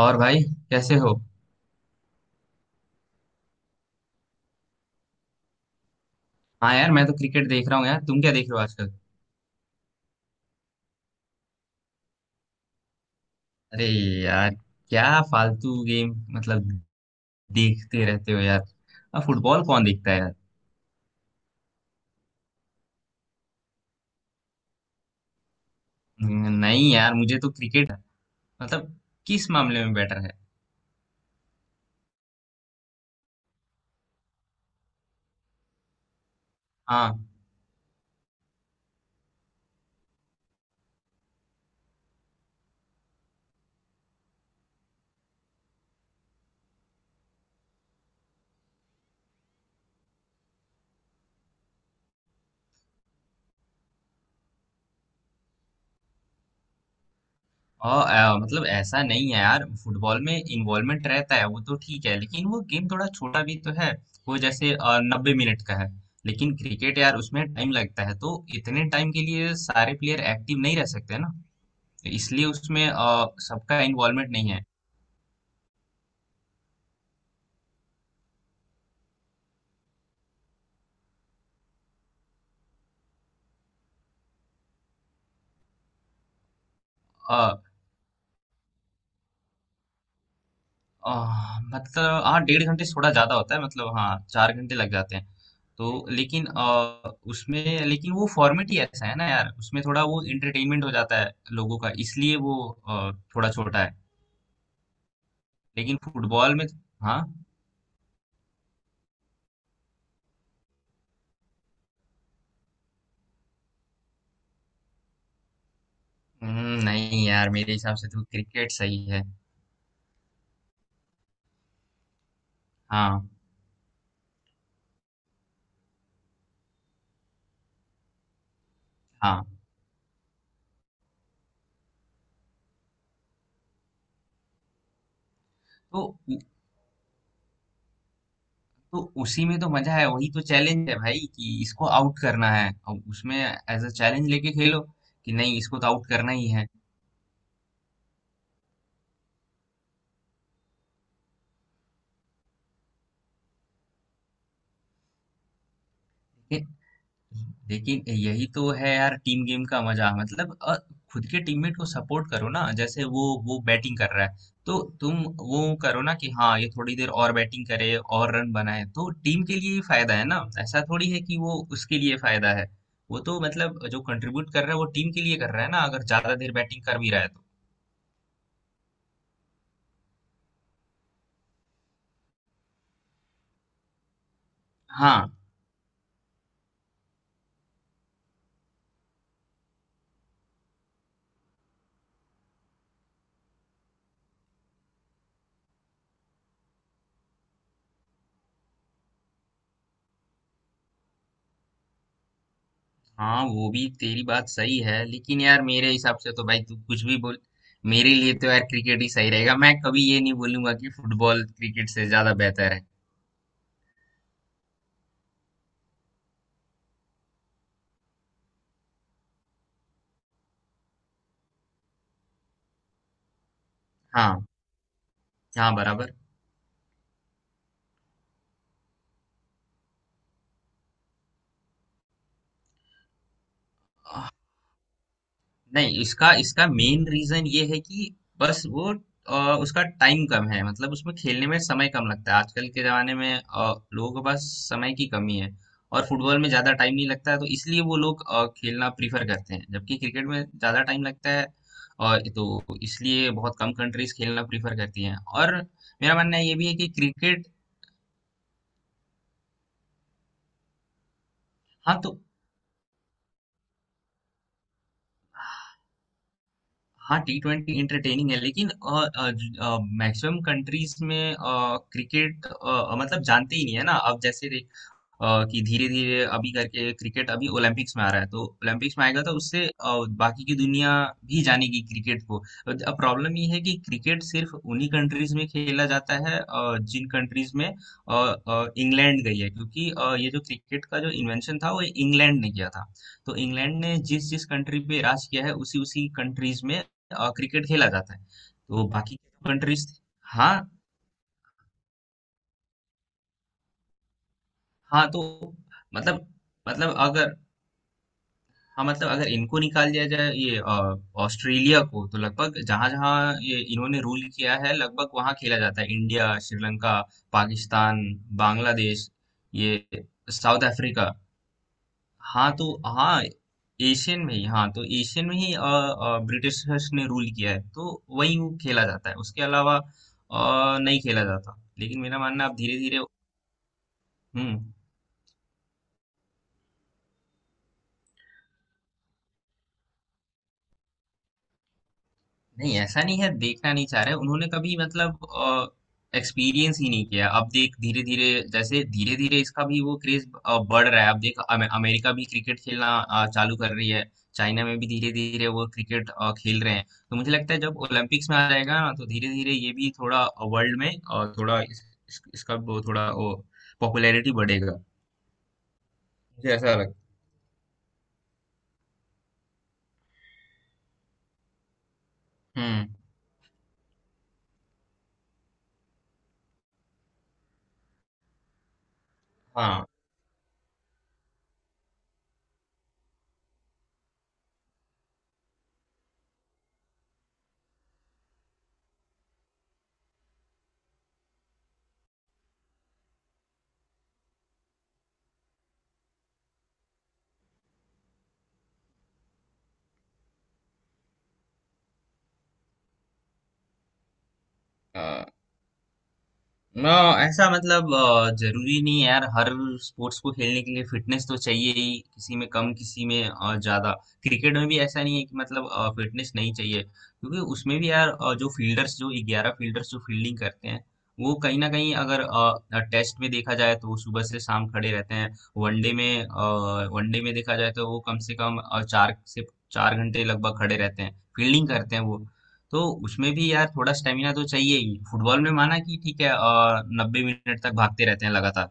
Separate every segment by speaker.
Speaker 1: और भाई, कैसे हो? हाँ यार, मैं तो क्रिकेट देख रहा हूँ यार। तुम क्या देख रहे हो आजकल? अरे यार, क्या फालतू गेम मतलब देखते रहते हो यार। अब फुटबॉल कौन देखता है यार? नहीं यार, मुझे तो क्रिकेट मतलब किस मामले में बेटर है? हाँ। और मतलब ऐसा नहीं है यार, फुटबॉल में इन्वॉल्वमेंट रहता है वो तो ठीक है, लेकिन वो गेम थोड़ा छोटा भी तो है। वो जैसे 90 मिनट का है। लेकिन क्रिकेट यार, उसमें टाइम लगता है, तो इतने टाइम के लिए सारे प्लेयर एक्टिव नहीं रह सकते ना, इसलिए उसमें सबका इन्वॉल्वमेंट नहीं है। अ, अ, मतलब हाँ, 1.5 घंटे से थोड़ा ज्यादा होता है, मतलब हाँ 4 घंटे लग जाते हैं। तो उसमें लेकिन वो फॉर्मेट ही ऐसा है ना यार, उसमें थोड़ा वो एंटरटेनमेंट हो जाता है लोगों का, इसलिए वो थोड़ा छोटा है। लेकिन फुटबॉल में हाँ। नहीं यार, मेरे हिसाब से तो क्रिकेट सही है। हाँ। हाँ तो तो उसी में तो मजा है, वही तो चैलेंज है भाई कि इसको आउट करना है, और उसमें एज अ चैलेंज लेके खेलो कि नहीं, इसको तो आउट करना ही है। लेकिन लेकिन यही तो है यार, टीम गेम का मजा मतलब खुद के टीममेट को सपोर्ट करो ना, जैसे वो बैटिंग कर रहा है तो तुम वो करो ना कि हाँ, ये थोड़ी देर और बैटिंग करे और रन बनाए, तो टीम के लिए ही फायदा है ना। ऐसा थोड़ी है कि वो उसके लिए फायदा है। वो तो मतलब जो कंट्रीब्यूट कर रहा है वो टीम के लिए कर रहा है ना, अगर ज्यादा देर बैटिंग कर भी रहा है तो। हाँ। हाँ, वो भी तेरी बात सही है, लेकिन यार मेरे हिसाब से तो भाई तू कुछ भी बोल, मेरे लिए तो यार क्रिकेट ही सही रहेगा। मैं कभी ये नहीं बोलूंगा कि फुटबॉल क्रिकेट से ज्यादा बेहतर है। हाँ। हाँ बराबर। नहीं, इसका इसका मेन रीजन ये है कि बस वो उसका टाइम कम है, मतलब उसमें खेलने में समय कम लगता है। आजकल के जमाने में लोगों के पास समय की कमी है, और फुटबॉल में ज्यादा टाइम नहीं लगता है, तो इसलिए वो लोग खेलना प्रीफर करते हैं, जबकि क्रिकेट में ज्यादा टाइम लगता है, और तो इसलिए बहुत कम कंट्रीज खेलना प्रीफर करती हैं। और मेरा मानना ये भी है कि क्रिकेट हाँ तो हाँ, T20 इंटरटेनिंग है, लेकिन मैक्सिमम कंट्रीज में क्रिकेट मतलब जानते ही नहीं है ना। अब जैसे कि धीरे धीरे अभी करके क्रिकेट अभी ओलंपिक्स में आ रहा है, तो ओलंपिक्स में आएगा तो उससे बाकी की दुनिया भी जानेगी क्रिकेट को। अब प्रॉब्लम ये है कि क्रिकेट सिर्फ उन्हीं कंट्रीज में खेला जाता है, जिन कंट्रीज में इंग्लैंड गई है, क्योंकि ये जो क्रिकेट का जो इन्वेंशन था वो इंग्लैंड ने किया था। तो इंग्लैंड ने जिस जिस कंट्री पे राज किया है उसी उसी कंट्रीज में क्रिकेट खेला जाता है। तो बाकी कंट्रीज हाँ। हाँ तो मतलब मतलब अगर, हाँ मतलब अगर इनको निकाल दिया जाए ये ऑस्ट्रेलिया को, तो लगभग जहां जहां ये इन्होंने रूल किया है लगभग वहां खेला जाता है। इंडिया, श्रीलंका, पाकिस्तान, बांग्लादेश, ये साउथ अफ्रीका। हाँ तो हाँ एशियन में ही, हाँ तो एशियन में ही ब्रिटिशर्स ने रूल किया है, तो वही वो खेला जाता है, उसके अलावा नहीं खेला जाता। लेकिन मेरा मानना अब धीरे धीरे हम्म। नहीं, ऐसा नहीं है देखना नहीं चाह रहे, उन्होंने कभी मतलब एक्सपीरियंस ही नहीं किया। अब देख धीरे धीरे, जैसे धीरे धीरे इसका भी वो क्रेज बढ़ रहा है। अब देख, अमेरिका भी क्रिकेट खेलना चालू कर रही है, चाइना में भी धीरे धीरे वो क्रिकेट खेल रहे हैं, तो मुझे लगता है जब ओलंपिक्स में आ जाएगा ना तो धीरे धीरे ये भी थोड़ा वर्ल्ड में और थोड़ा इसका वो थोड़ा वो पॉपुलैरिटी बढ़ेगा। मुझे ऐसा लगता है। हम्म। हाँ। ना। ऐसा मतलब जरूरी नहीं है यार, हर स्पोर्ट्स को खेलने के लिए फिटनेस तो चाहिए ही, किसी में कम किसी में ज्यादा। क्रिकेट में भी ऐसा नहीं है कि मतलब फिटनेस नहीं चाहिए, क्योंकि उसमें भी यार जो फील्डर्स, जो 11 फील्डर्स जो फील्डिंग करते हैं, वो कहीं ना कहीं अगर टेस्ट में देखा जाए तो वो सुबह से शाम खड़े रहते हैं। वनडे में वनडे में देखा जाए तो वो कम से कम 4 से 4 घंटे लगभग खड़े रहते हैं, फील्डिंग करते हैं वो। तो उसमें भी यार थोड़ा स्टेमिना तो चाहिए ही। फुटबॉल में माना कि ठीक है और 90 मिनट तक भागते रहते हैं लगातार,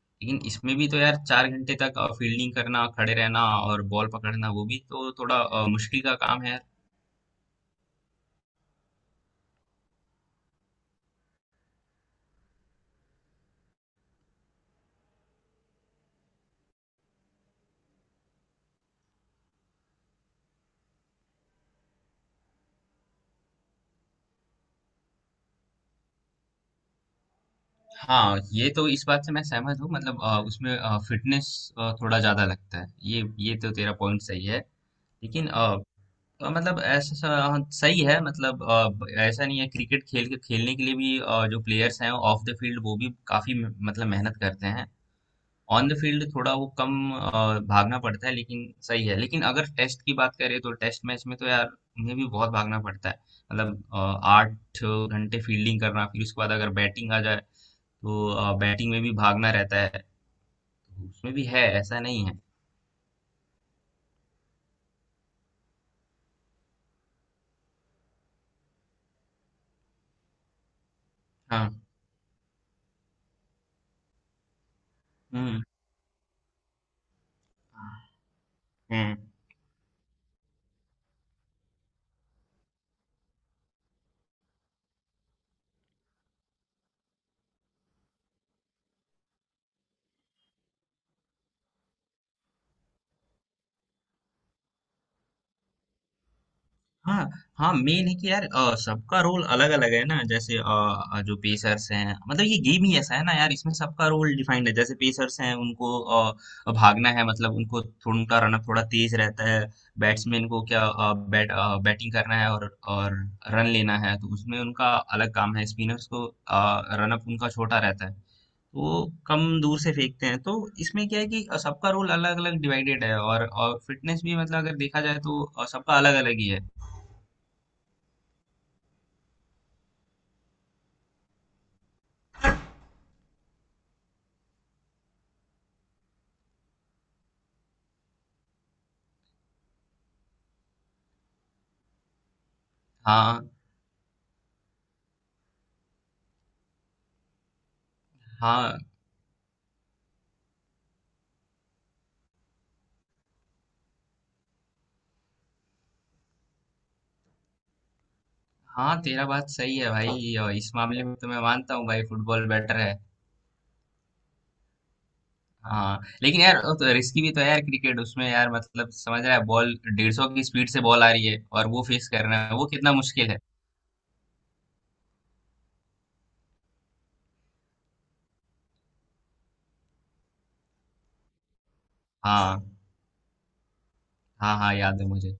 Speaker 1: लेकिन इसमें भी तो यार 4 घंटे तक फील्डिंग करना, खड़े रहना और बॉल पकड़ना वो भी तो थोड़ा मुश्किल का काम है यार। हाँ, ये तो इस बात से मैं सहमत हूँ। मतलब उसमें फिटनेस थोड़ा ज्यादा लगता है। ये ये तो तेरा पॉइंट सही है। लेकिन मतलब ऐसा हाँ, सही है। मतलब ऐसा नहीं है क्रिकेट खेल के खेलने के लिए भी जो प्लेयर्स हैं ऑफ द फील्ड वो भी काफी मतलब मेहनत करते हैं। ऑन द फील्ड थोड़ा वो कम भागना पड़ता है, लेकिन सही है। लेकिन अगर टेस्ट की बात करें तो टेस्ट मैच में तो यार उन्हें भी बहुत भागना पड़ता है। मतलब 8 घंटे फील्डिंग करना, फिर उसके बाद अगर बैटिंग आ जाए तो बैटिंग में भी भागना रहता है, तो उसमें भी है, ऐसा नहीं है। हाँ। हम्म। हम्म। हाँ। हाँ, मेन है कि यार सबका रोल अलग अलग है ना। जैसे जो पेसर्स हैं, मतलब ये गेम ही ऐसा है ना यार, इसमें सबका रोल डिफाइंड है। जैसे पेसर्स हैं, उनको भागना है, मतलब उनको थोड़ा उनका रनअप थोड़ा तेज रहता है। बैट्समैन को क्या बैट बैटिंग करना है, और और रन लेना है, तो उसमें उनका अलग काम है। स्पिनर्स को रनअप उनका छोटा रहता है, तो वो कम दूर से फेंकते हैं। तो इसमें क्या है कि सबका रोल अलग अलग डिवाइडेड है, और फिटनेस भी मतलब अगर देखा जाए तो सबका अलग अलग ही है। हाँ। हाँ। हाँ तेरा बात सही है भाई, और इस मामले में तो मैं मानता हूँ भाई फुटबॉल बेटर है। हाँ। लेकिन यार वो तो रिस्की भी तो है यार क्रिकेट। उसमें यार मतलब समझ रहा है, बॉल 150 की स्पीड से बॉल आ रही है और वो फेस करना है, वो कितना मुश्किल है। हाँ। हाँ। हाँ याद है मुझे।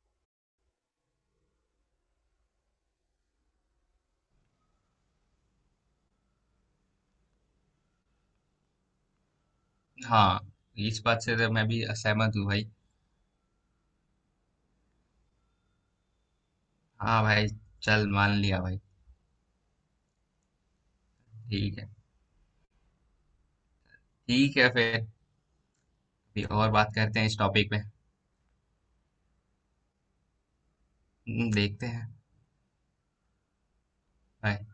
Speaker 1: हाँ, इस बात से तो मैं भी सहमत हूँ भाई। हाँ भाई, चल मान लिया भाई। ठीक है। ठीक है फिर भी, और बात करते हैं इस टॉपिक पे। देखते हैं। Bye।